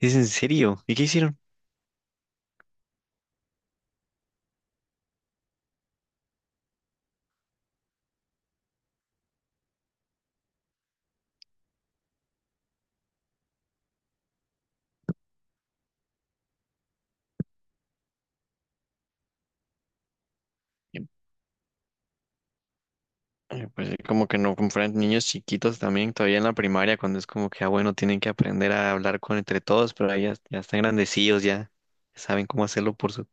¿Es en serio? ¿Y qué hicieron? Pues como que no compran niños chiquitos también, todavía en la primaria, cuando es como que, ah, bueno, tienen que aprender a hablar con entre todos, pero ahí ya, ya están grandecillos, ya saben cómo hacerlo por su.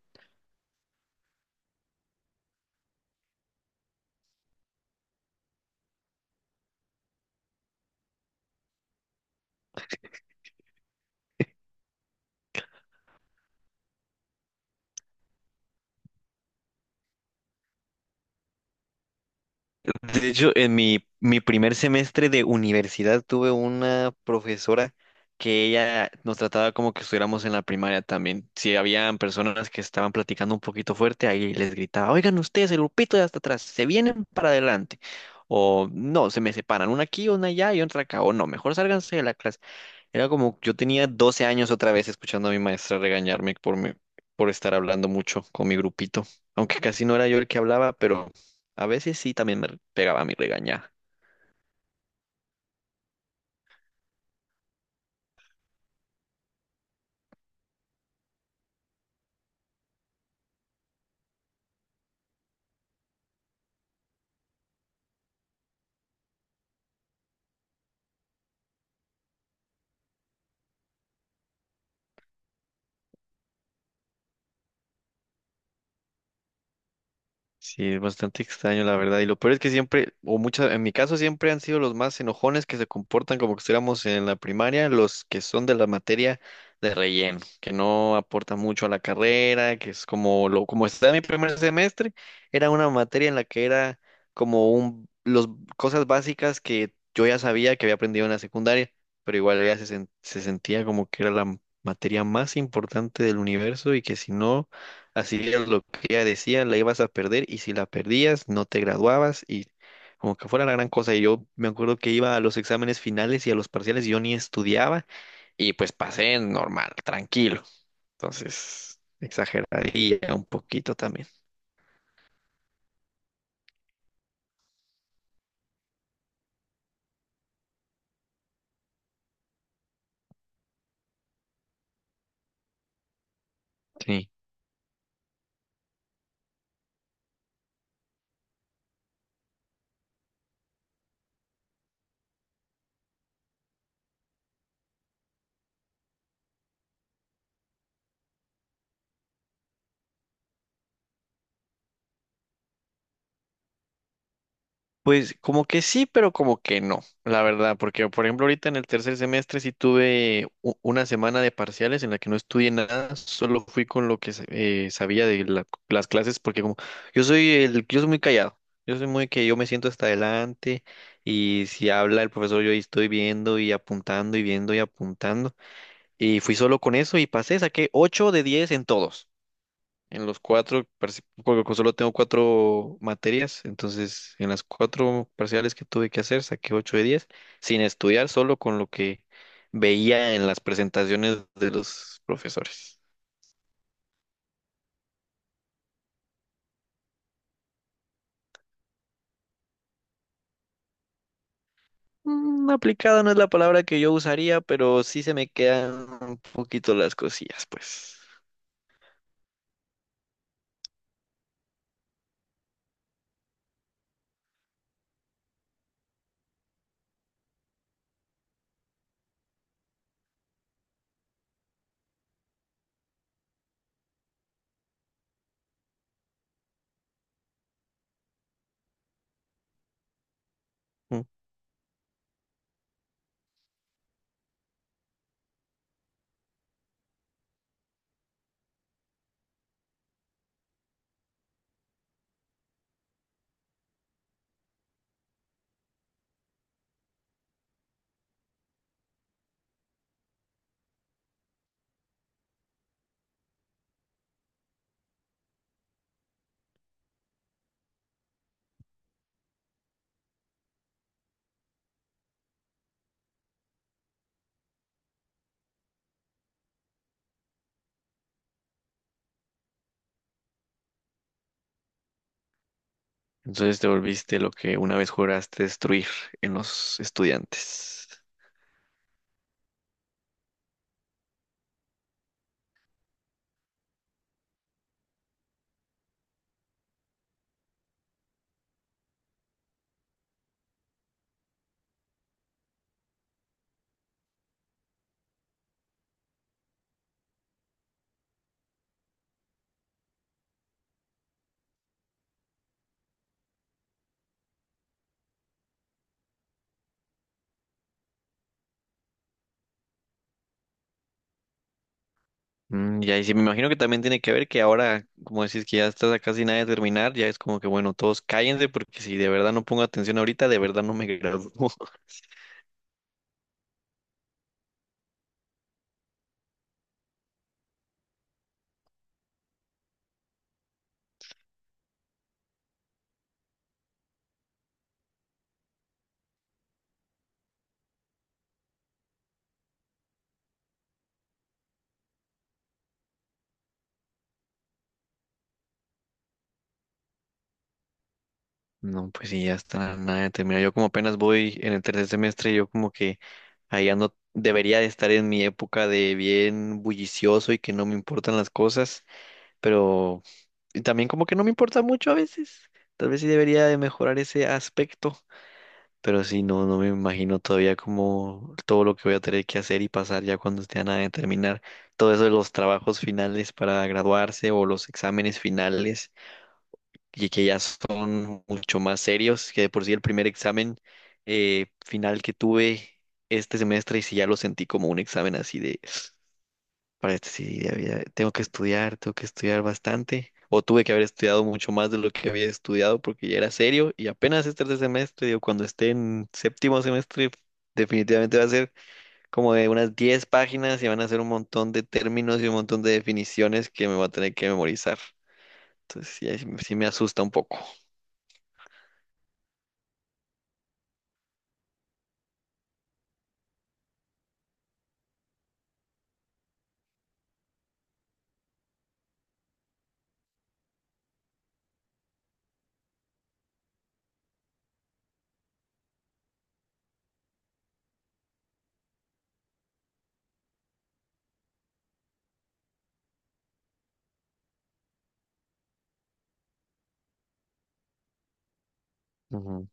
De hecho, en mi primer semestre de universidad tuve una profesora que ella nos trataba como que estuviéramos en la primaria también. Si habían personas que estaban platicando un poquito fuerte, ahí les gritaba, oigan ustedes, el grupito de hasta atrás, se vienen para adelante. O no, se me separan, una aquí, una allá y otra acá. O no, mejor sálganse de la clase. Era como, yo tenía 12 años otra vez escuchando a mi maestra regañarme por, por estar hablando mucho con mi grupito. Aunque casi no era yo el que hablaba, pero a veces sí también me pegaba mi regañada. Sí, es bastante extraño, la verdad. Y lo peor es que siempre, o muchas, en mi caso siempre han sido los más enojones que se comportan como que estuviéramos en la primaria, los que son de la materia de relleno, que no aportan mucho a la carrera, que es como lo, como está en mi primer semestre, era una materia en la que era como un, los, cosas básicas que yo ya sabía que había aprendido en la secundaria, pero igual ya se sentía como que era la materia más importante del universo y que si no. Así es lo que ya decían, la ibas a perder y si la perdías no te graduabas y como que fuera la gran cosa. Y yo me acuerdo que iba a los exámenes finales y a los parciales y yo ni estudiaba y pues pasé normal, tranquilo. Entonces, exageraría un poquito también. Sí. Pues como que sí, pero como que no, la verdad, porque por ejemplo ahorita en el tercer semestre sí tuve una semana de parciales en la que no estudié nada, solo fui con lo que sabía de las clases, porque como yo soy muy callado, yo soy muy que yo me siento hasta adelante y si habla el profesor yo ahí estoy viendo y apuntando y viendo y apuntando y fui solo con eso y pasé, saqué 8/10 en todos. En los cuatro, porque solo tengo cuatro materias, entonces en las cuatro parciales que tuve que hacer saqué 8/10 sin estudiar, solo con lo que veía en las presentaciones de los profesores. Mm, aplicada no es la palabra que yo usaría, pero sí se me quedan un poquito las cosillas, pues. Mm. Entonces te volviste lo que una vez juraste destruir en los estudiantes. Mm, ya, y ahí sí, me imagino que también tiene que ver que ahora, como decís, que ya estás a casi nada de terminar, ya es como que, bueno, todos cállense porque si de verdad no pongo atención ahorita, de verdad no me gradúo. No, pues sí, ya está nada de terminar. Yo como apenas voy en el tercer semestre, yo como que ahí ando, debería de estar en mi época de bien bullicioso y que no me importan las cosas, pero y también como que no me importa mucho a veces. Tal vez sí debería de mejorar ese aspecto. Pero sí, no, no me imagino todavía como todo lo que voy a tener que hacer y pasar ya cuando esté a nada de terminar. Todo eso de los trabajos finales para graduarse o los exámenes finales, que ya son mucho más serios, que de por sí el primer examen final que tuve este semestre, y sí ya lo sentí como un examen así de para esto sí, ya había- tengo que estudiar bastante. O tuve que haber estudiado mucho más de lo que había estudiado porque ya era serio. Y apenas este tercer semestre, digo, cuando esté en séptimo semestre, definitivamente va a ser como de unas 10 páginas y van a ser un montón de términos y un montón de definiciones que me voy a tener que memorizar. Entonces, sí, ahí sí me asusta un poco. Ujú.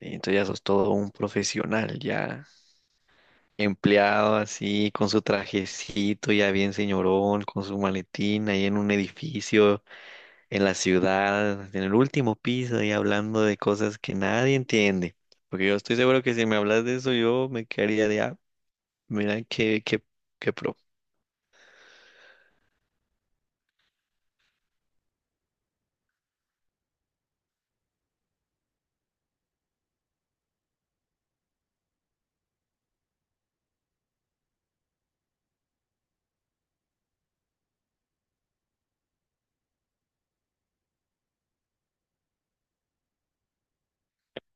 Y entonces ya sos todo un profesional, ya empleado así, con su trajecito, ya bien señorón, con su maletín ahí en un edificio en la ciudad, en el último piso y hablando de cosas que nadie entiende. Porque yo estoy seguro que si me hablas de eso, yo me quedaría de, ah, mira qué, qué, qué pro.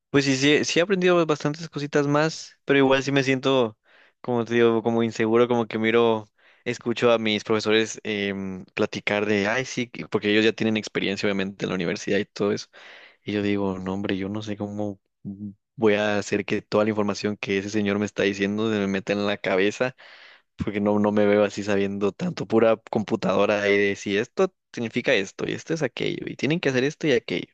Pues sí, sí, sí he aprendido bastantes cositas más, pero igual sí me siento, como te digo, como inseguro, como que miro, escucho a mis profesores platicar de, ay, sí, porque ellos ya tienen experiencia, obviamente, en la universidad y todo eso. Y yo digo, no, hombre, yo no sé cómo voy a hacer que toda la información que ese señor me está diciendo se me meta en la cabeza porque no, no me veo así sabiendo tanto pura computadora ahí de si esto significa esto y esto es aquello y tienen que hacer esto y aquello.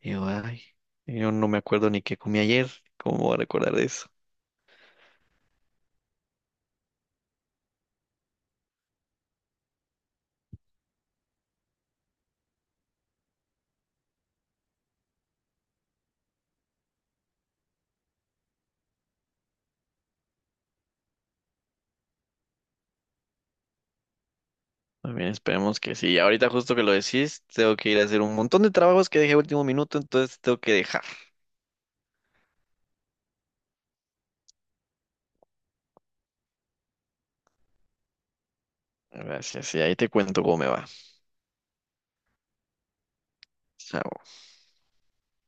Y yo, ay, yo no me acuerdo ni qué comí ayer, ¿cómo voy a recordar de eso? También esperemos que sí. Ahorita justo que lo decís, tengo que ir a hacer un montón de trabajos que dejé a último minuto, entonces tengo que dejar. Gracias, y ahí te cuento cómo me va. Chao.